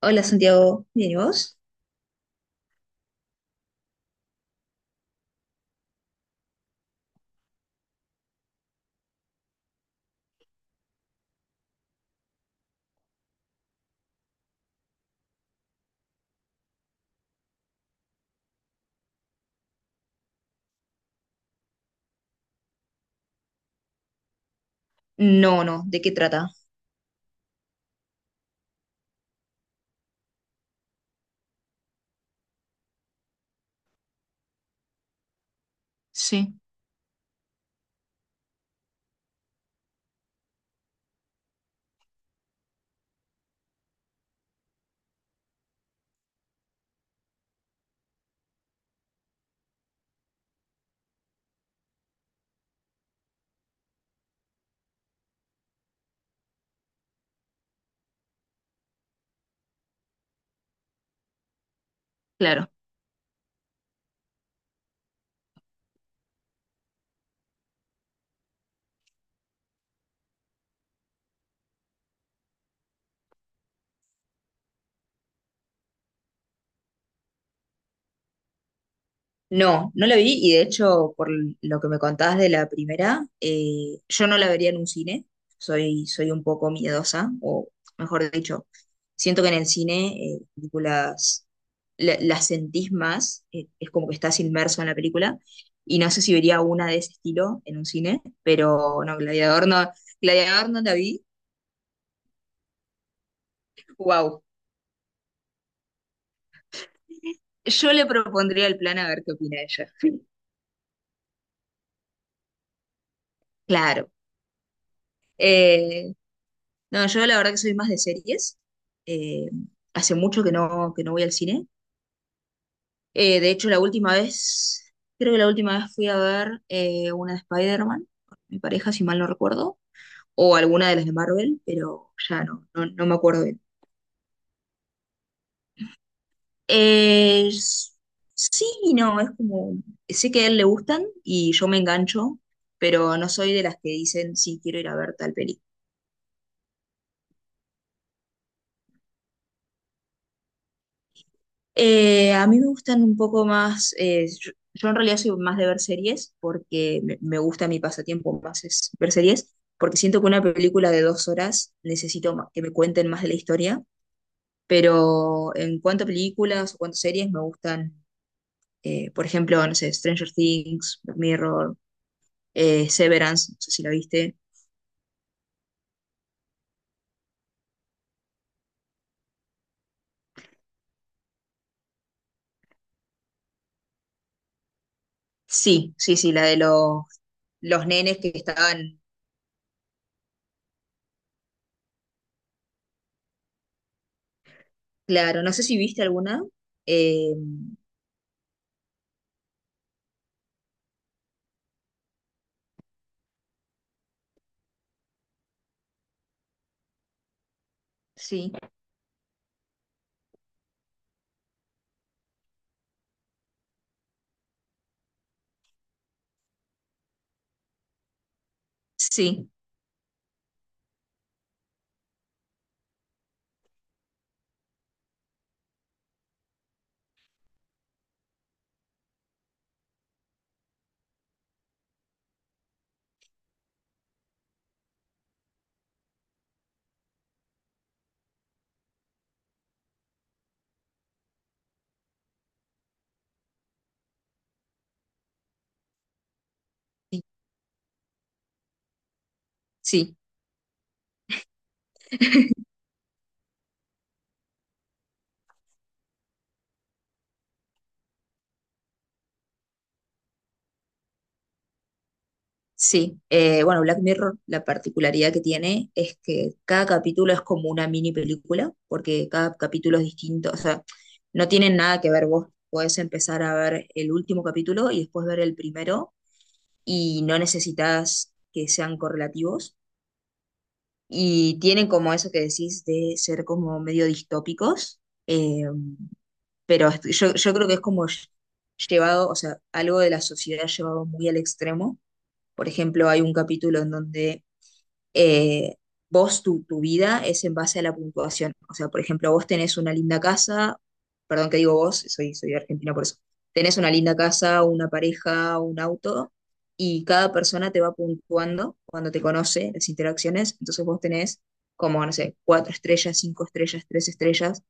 Hola Santiago, ¿bien y vos? No, no, ¿de qué trata? Sí, claro. No, no la vi y de hecho por lo que me contabas de la primera, yo no la vería en un cine, soy un poco miedosa, o mejor dicho, siento que en el cine películas las sentís más, es como que estás inmerso en la película y no sé si vería una de ese estilo en un cine, pero no, Gladiador no, Gladiador no la vi. Wow. Yo le propondría el plan a ver qué opina ella. Claro. Eh, no, yo la verdad que soy más de series. Eh, Hace mucho que no voy al cine. De hecho, creo que la última vez fui a ver una de Spider-Man, con mi pareja, si mal no recuerdo, o alguna de las de Marvel, pero ya no me acuerdo bien. Eh, s- sí y no, es como, sé que a él le gustan y yo me engancho, pero no soy de las que dicen, sí, quiero ir a ver tal película. A mí me gustan un poco más, yo en realidad soy más de ver series porque me gusta mi pasatiempo más es ver series, porque siento que una película de 2 horas necesito que me cuenten más de la historia, pero en cuanto a películas o cuanto a series me gustan, por ejemplo, no sé, Stranger Things, Black Mirror, Severance, no sé si la viste. Sí, sí, sí, la de los nenes que estaban, claro, no sé si viste alguna. Eh, sí, sí, sí. Sí. Sí, bueno, Black Mirror, la particularidad que tiene es que cada capítulo es como una mini película, porque cada capítulo es distinto, o sea, no tienen nada que ver. Vos podés empezar a ver el último capítulo y después ver el primero, y no necesitas que sean correlativos. Y tienen como eso que decís de ser como medio distópicos, eh, yo creo que es como llevado, o sea, algo de la sociedad llevado muy al extremo. Por ejemplo, hay un capítulo en donde eh, tu vida es en base a la puntuación. O sea, por ejemplo, vos tenés una linda casa, perdón que digo vos, soy de Argentina por eso, tenés una linda casa, una pareja, un auto, y cada persona te va puntuando cuando te conoce, las interacciones, entonces vos tenés como, no sé, 4 estrellas, 5 estrellas, 3 estrellas,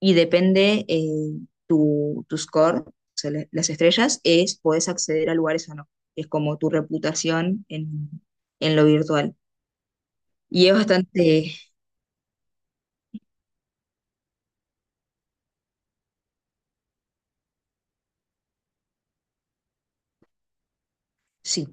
y depende tu score, o sea, las estrellas, es, podés acceder a lugares o no, es como tu reputación en lo virtual. Y es bastante, sí.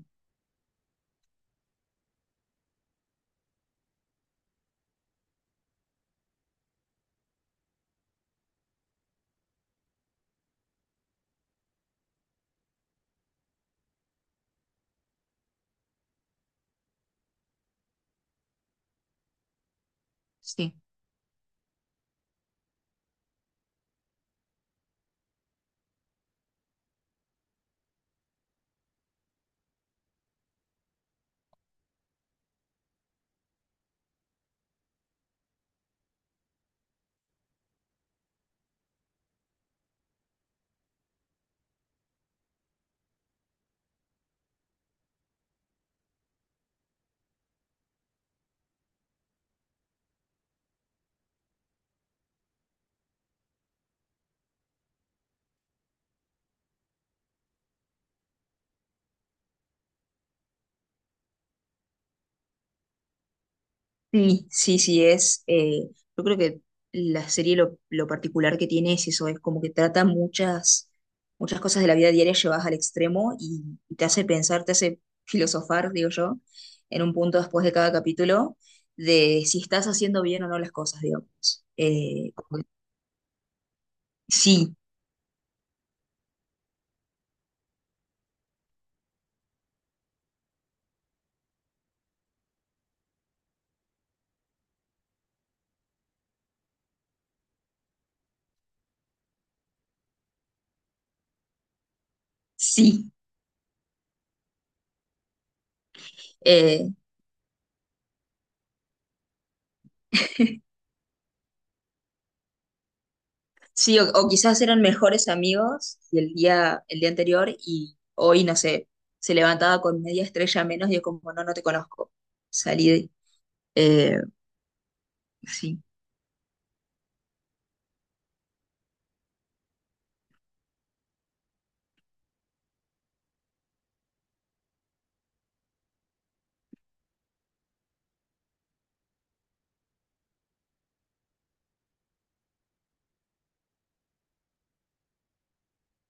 Sí. Sí, sí, sí, yo creo que lo particular que tiene es eso, es como que trata muchas, muchas cosas de la vida diaria llevadas al extremo y te hace pensar, te hace filosofar, digo yo, en un punto después de cada capítulo, de si estás haciendo bien o no las cosas, digamos. Uy, sí, sí. Eh. Sí, o quizás eran mejores amigos y el día anterior y hoy, no sé, se levantaba con media estrella menos y es como, no, no te conozco. Salí de... eh, sí,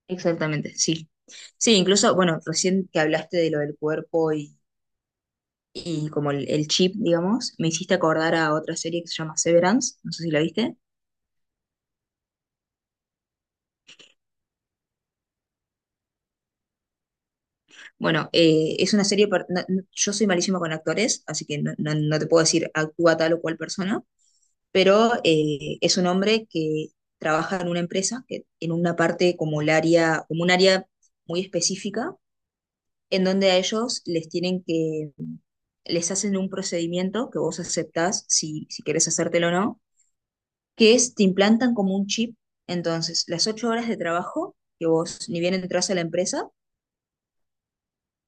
exactamente, sí. Sí, incluso, bueno, recién que hablaste de lo del cuerpo y como el chip, digamos, me hiciste acordar a otra serie que se llama Severance, no sé si la viste. Bueno, es una serie, yo soy malísimo con actores, así que no te puedo decir actúa tal o cual persona, pero es un hombre que trabaja en una empresa, en una parte como el área, como un área muy específica, en donde a ellos les hacen un procedimiento que vos aceptás si querés hacértelo o no, que es te implantan como un chip. Entonces, las 8 horas de trabajo que vos ni bien entras a la empresa,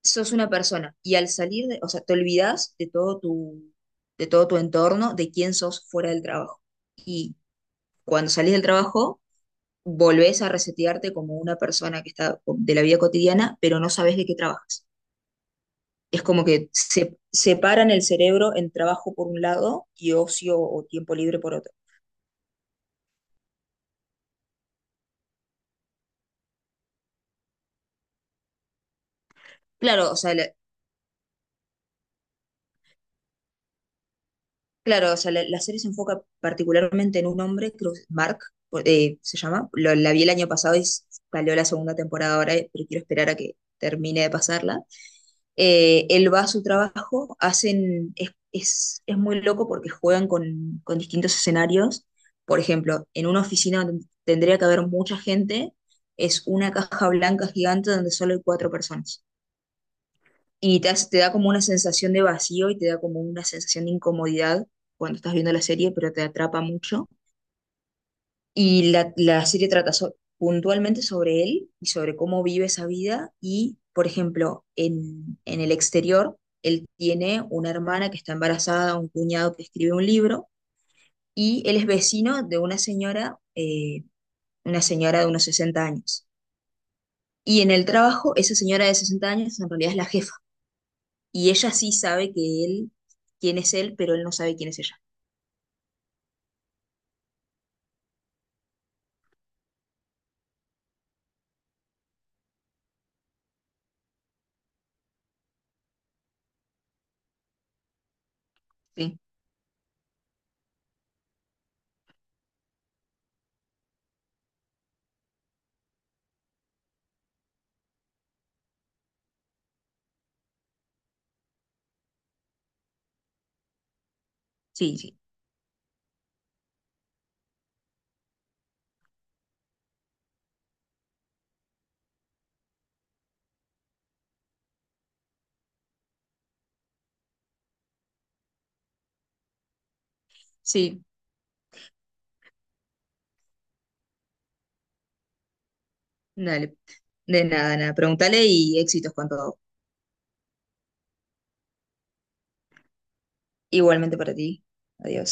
sos una persona y al salir, o sea, te olvidás de todo tu entorno, de quién sos fuera del trabajo. Y cuando salís del trabajo, volvés a resetearte como una persona que está de la vida cotidiana, pero no sabes de qué trabajas. Es como que se separan el cerebro en trabajo por un lado y ocio o tiempo libre por otro. Claro, o sea, la- Claro, o sea, la serie se enfoca particularmente en un hombre, creo que es Mark se llama. La vi el año pasado y salió la segunda temporada ahora, pero quiero esperar a que termine de pasarla. Él va a su trabajo, es muy loco porque juegan con distintos escenarios. Por ejemplo, en una oficina donde tendría que haber mucha gente, es una caja blanca gigante donde solo hay cuatro personas. Y te da como una sensación de vacío y te da como una sensación de incomodidad cuando estás viendo la serie, pero te atrapa mucho. Y la serie trata puntualmente sobre él y sobre cómo vive esa vida. Y, por ejemplo, en el exterior, él tiene una hermana que está embarazada, un cuñado que escribe un libro, y él es vecino de una señora de unos 60 años. Y en el trabajo, esa señora de 60 años en realidad es la jefa. Y ella sí sabe que quién es él, pero él no sabe quién es ella. Sí, sí, sí. Sí, dale. De nada, nada. Pregúntale y éxitos con todo. Igualmente para ti. Adiós.